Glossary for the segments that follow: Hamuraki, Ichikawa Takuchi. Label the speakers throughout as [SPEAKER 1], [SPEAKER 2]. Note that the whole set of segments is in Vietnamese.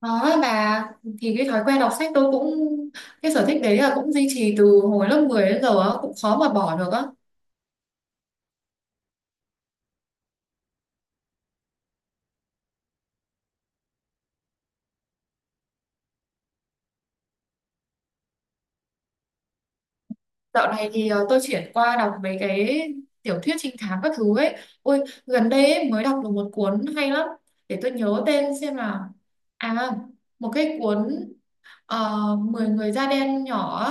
[SPEAKER 1] Đó bà thì cái thói quen đọc sách tôi cũng cái sở thích đấy là cũng duy trì từ hồi lớp 10 đến giờ á, cũng khó mà bỏ được á. Dạo này thì tôi chuyển qua đọc mấy cái tiểu thuyết trinh thám các thứ ấy. Ôi gần đây ấy, mới đọc được một cuốn hay lắm. Để tôi nhớ tên xem nào. À, một cái cuốn 10 người da đen nhỏ.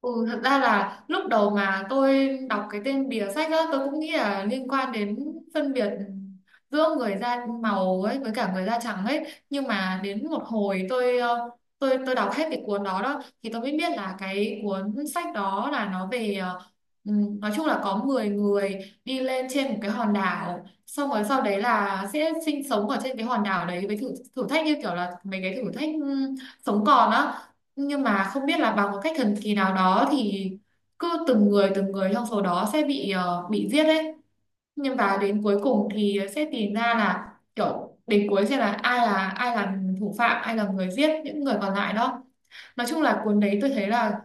[SPEAKER 1] Ừ, thật ra là lúc đầu mà tôi đọc cái tên bìa sách á, tôi cũng nghĩ là liên quan đến phân biệt giữa người da màu ấy với cả người da trắng ấy. Nhưng mà đến một hồi tôi tôi đọc hết cái cuốn đó đó thì tôi mới biết là cái cuốn sách đó là nó về nói chung là có 10 người đi lên trên một cái hòn đảo, xong rồi sau đấy là sẽ sinh sống ở trên cái hòn đảo đấy với thử thử thách, như kiểu là mấy cái thử thách sống còn á, nhưng mà không biết là bằng một cách thần kỳ nào đó thì cứ từng người trong số đó sẽ bị giết đấy, nhưng mà đến cuối cùng thì sẽ tìm ra là kiểu đến cuối sẽ là ai là thủ phạm, ai là người giết những người còn lại đó. Nói chung là cuốn đấy tôi thấy là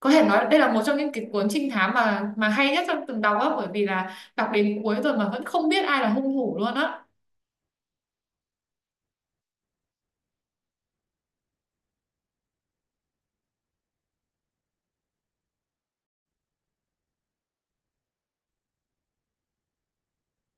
[SPEAKER 1] có thể nói đây là một trong những cái cuốn trinh thám mà hay nhất trong từng đọc á, bởi vì là đọc đến cuối rồi mà vẫn không biết ai là hung thủ luôn á.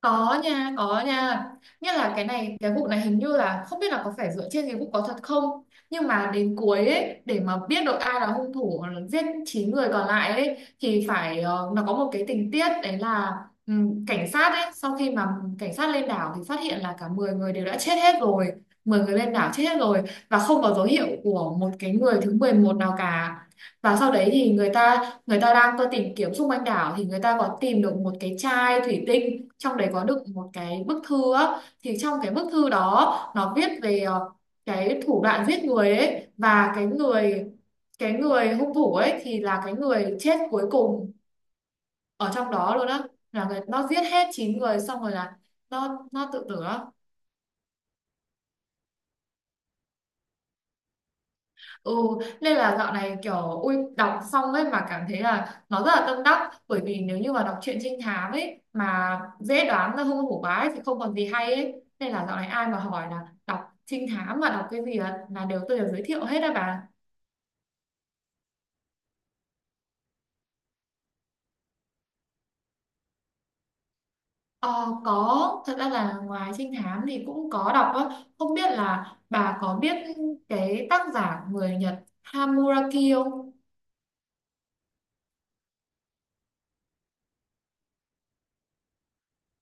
[SPEAKER 1] Có nha, có nha. Nhất là cái này, cái vụ này hình như là không biết là có phải dựa trên cái vụ có thật không. Nhưng mà đến cuối ấy, để mà biết được ai là hung thủ giết 9 người còn lại ấy, thì phải nó có một cái tình tiết đấy là cảnh sát ấy, sau khi mà cảnh sát lên đảo thì phát hiện là cả 10 người đều đã chết hết rồi. Mười người lên đảo chết hết rồi, và không có dấu hiệu của một cái người thứ 11 nào cả. Và sau đấy thì người ta đang tôi tìm kiếm xung quanh đảo, thì người ta có tìm được một cái chai thủy tinh, trong đấy có đựng một cái bức thư á, thì trong cái bức thư đó nó viết về cái thủ đoạn giết người ấy, và cái người hung thủ ấy thì là cái người chết cuối cùng ở trong đó luôn á, là người nó giết hết 9 người xong rồi là nó tự tử á. Ừ, nên là dạo này kiểu ui đọc xong ấy mà cảm thấy là nó rất là tâm đắc, bởi vì nếu như mà đọc truyện trinh thám ấy mà dễ đoán ra hung thủ bá ấy, thì không còn gì hay ấy, nên là dạo này ai mà hỏi là đọc trinh thám mà đọc cái gì á, là đều tôi đều giới thiệu hết á bà. Ờ, có, thật ra là ngoài trinh thám thì cũng có đọc á, không biết là bà có biết cái tác giả người Nhật Hamuraki không.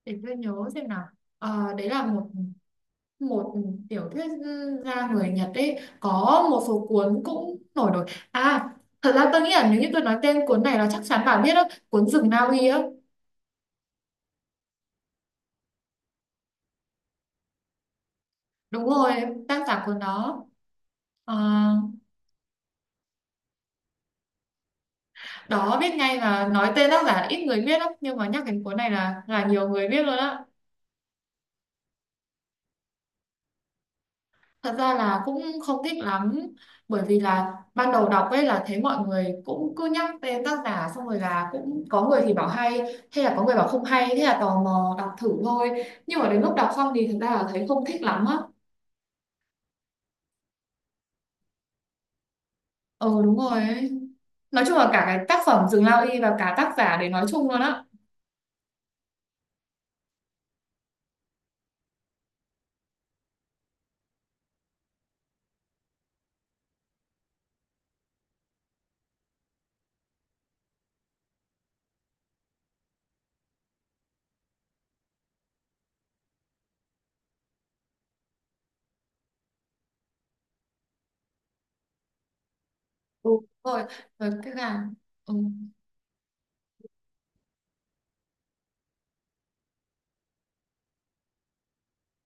[SPEAKER 1] Để tôi nhớ xem nào. Ờ, đấy là một một tiểu thuyết gia người Nhật ấy, có một số cuốn cũng nổi nổi. À, thật ra tôi nghĩ là nếu như tôi nói tên cuốn này là chắc chắn bạn biết đó, cuốn Rừng Na Uy á. Đúng rồi, tác giả cuốn đó. À, đó biết ngay là nói tên tác giả là ít người biết lắm, nhưng mà nhắc đến cuốn này là nhiều người biết luôn á. Thật ra là cũng không thích lắm, bởi vì là ban đầu đọc ấy là thấy mọi người cũng cứ nhắc tên tác giả, xong rồi là cũng có người thì bảo hay, hay là có người bảo không hay, thế là tò mò đọc thử thôi, nhưng mà đến lúc đọc xong thì thật ra là thấy không thích lắm á. Ờ Đúng rồi ấy. Nói chung là cả cái tác phẩm Rừng Lao Y và cả tác giả để nói chung luôn á. Ừ, đúng rồi. Rồi cái là ừ.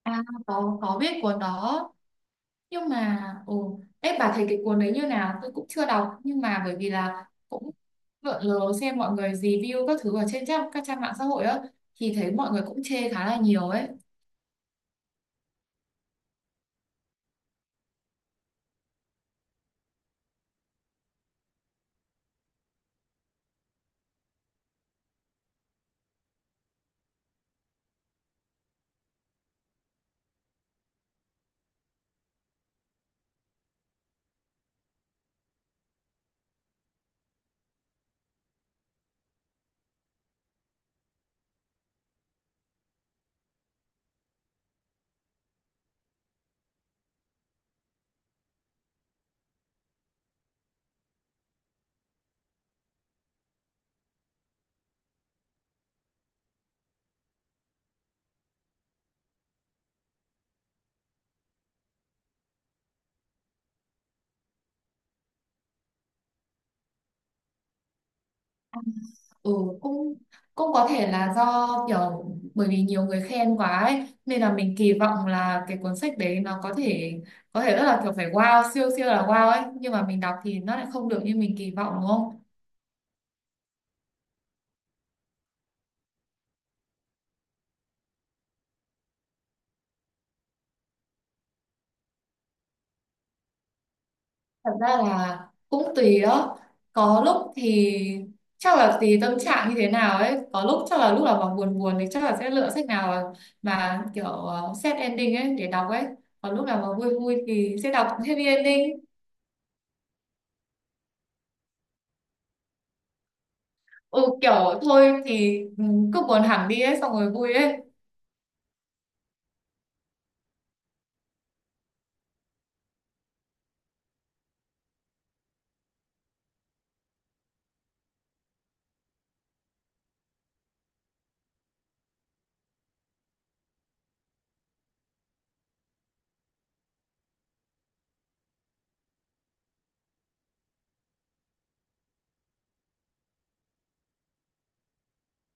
[SPEAKER 1] À, có biết cuốn đó. Nhưng mà ồ, đấy bà thấy cái cuốn đấy như nào, tôi cũng chưa đọc, nhưng mà bởi vì là cũng lượn lờ xem mọi người review các thứ ở trên trang các trang mạng xã hội á, thì thấy mọi người cũng chê khá là nhiều ấy. Ừ, cũng cũng có thể là do kiểu bởi vì nhiều người khen quá ấy, nên là mình kỳ vọng là cái cuốn sách đấy nó có thể rất là kiểu phải wow, siêu siêu là wow ấy, nhưng mà mình đọc thì nó lại không được như mình kỳ vọng, đúng không. Thật ra là cũng tùy đó. Có lúc thì chắc là tùy tâm trạng như thế nào ấy. Có lúc chắc là lúc nào mà buồn buồn thì chắc là sẽ lựa sách nào mà kiểu sad ending ấy để đọc ấy. Còn lúc nào mà vui vui thì sẽ đọc happy ending. Ừ, kiểu thôi thì ừ, cứ buồn hẳn đi ấy xong rồi vui ấy.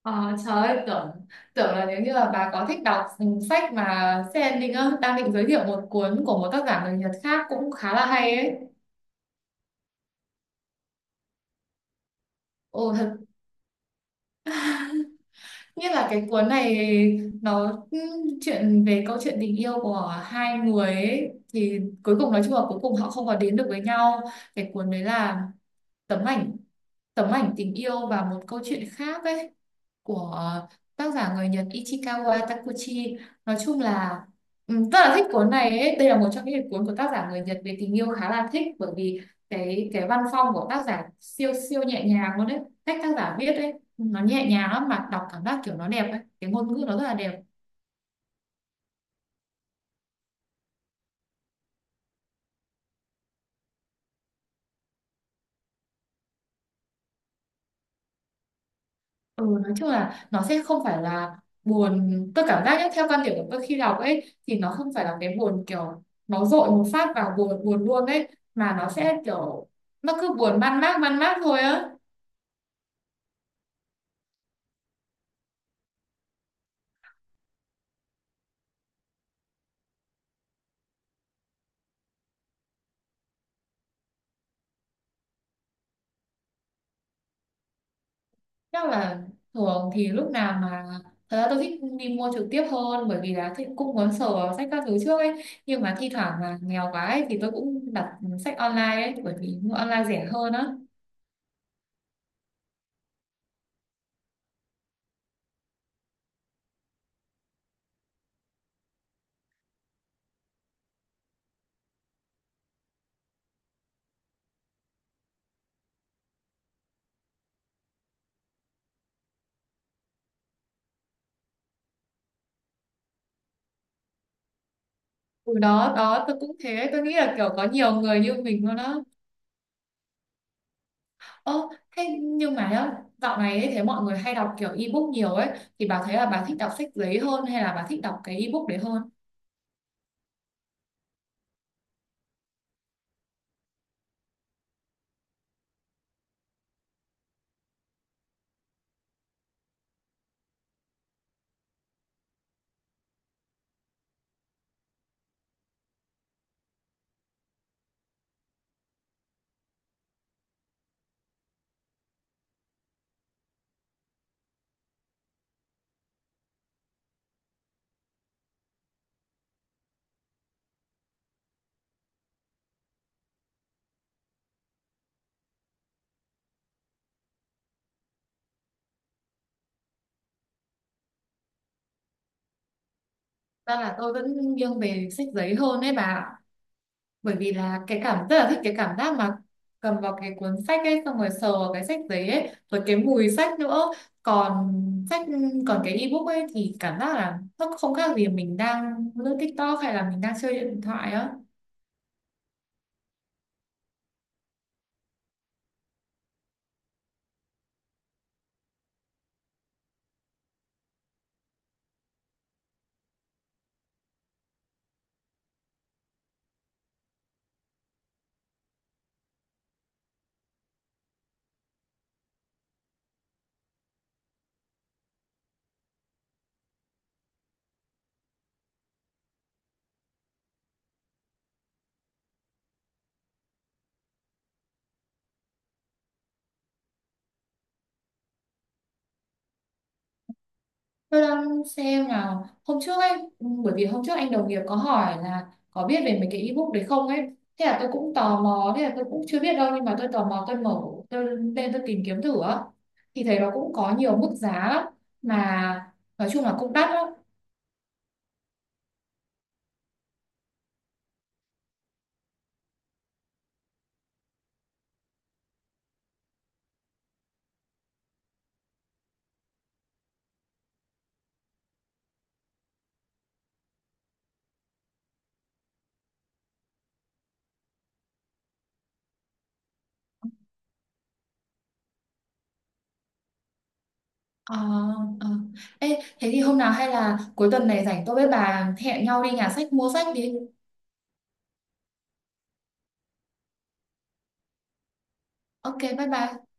[SPEAKER 1] Ờ, trời ơi, tưởng tưởng là nếu như là bà có thích đọc sách mà sad ending á, đang định giới thiệu một cuốn của một tác giả người Nhật khác cũng khá là hay ấy. Ừ, nghĩa là cái cuốn này nó chuyện về câu chuyện tình yêu của hai người ấy, thì cuối cùng nói chung là cuối cùng họ không có đến được với nhau. Cái cuốn đấy là tấm ảnh tấm ảnh tình yêu và một câu chuyện khác ấy, của tác giả người Nhật Ichikawa Takuchi. Nói chung là rất là thích cuốn này ấy. Đây là một trong những cuốn của tác giả người Nhật về tình yêu khá là thích, bởi vì cái văn phong của tác giả siêu siêu nhẹ nhàng luôn đấy. Cách tác giả viết ấy nó nhẹ nhàng lắm, mà đọc cảm giác kiểu nó đẹp ấy, cái ngôn ngữ nó rất là đẹp. Ừ, nói chung là nó sẽ không phải là buồn, tôi cảm giác nhé, theo quan điểm của tôi khi đọc ấy thì nó không phải là cái buồn kiểu nó dội một phát vào buồn buồn luôn ấy, mà nó sẽ kiểu nó cứ buồn man mác thôi á. Chắc là thường thì lúc nào mà thật ra tôi thích đi mua trực tiếp hơn, bởi vì là thích cũng muốn sờ vào sách các thứ trước ấy, nhưng mà thi thoảng mà nghèo quá ấy thì tôi cũng đặt sách online ấy, bởi vì mua online rẻ hơn á. Ừ, đó đó tôi cũng thế, tôi nghĩ là kiểu có nhiều người như mình luôn á. Ơ, thế nhưng mà nhá, dạo này ấy, thấy mọi người hay đọc kiểu ebook nhiều ấy, thì bà thấy là bà thích đọc sách giấy hơn hay là bà thích đọc cái ebook đấy hơn? Ra là tôi vẫn nghiêng về sách giấy hơn ấy bà ạ. Bởi vì là cái cảm rất là thích cái cảm giác mà cầm vào cái cuốn sách ấy, xong rồi sờ vào cái sách giấy ấy, rồi cái mùi sách nữa. còn sách Còn cái ebook ấy thì cảm giác là nó không khác gì mình đang lướt TikTok hay là mình đang chơi điện thoại á. Tôi đang xem nào, hôm trước ấy, ừ, bởi vì hôm trước anh đồng nghiệp có hỏi là có biết về mấy cái ebook đấy không ấy, thế là tôi cũng tò mò, thế là tôi cũng chưa biết đâu, nhưng mà tôi tò mò tôi mở tôi lên tôi tìm kiếm thử á, thì thấy nó cũng có nhiều mức giá lắm, mà nói chung là cũng đắt lắm. Ờ, ờ. Ê, thế thì hôm nào hay là cuối tuần này rảnh tôi với bà hẹn nhau đi nhà sách mua sách đi. OK, bye bye.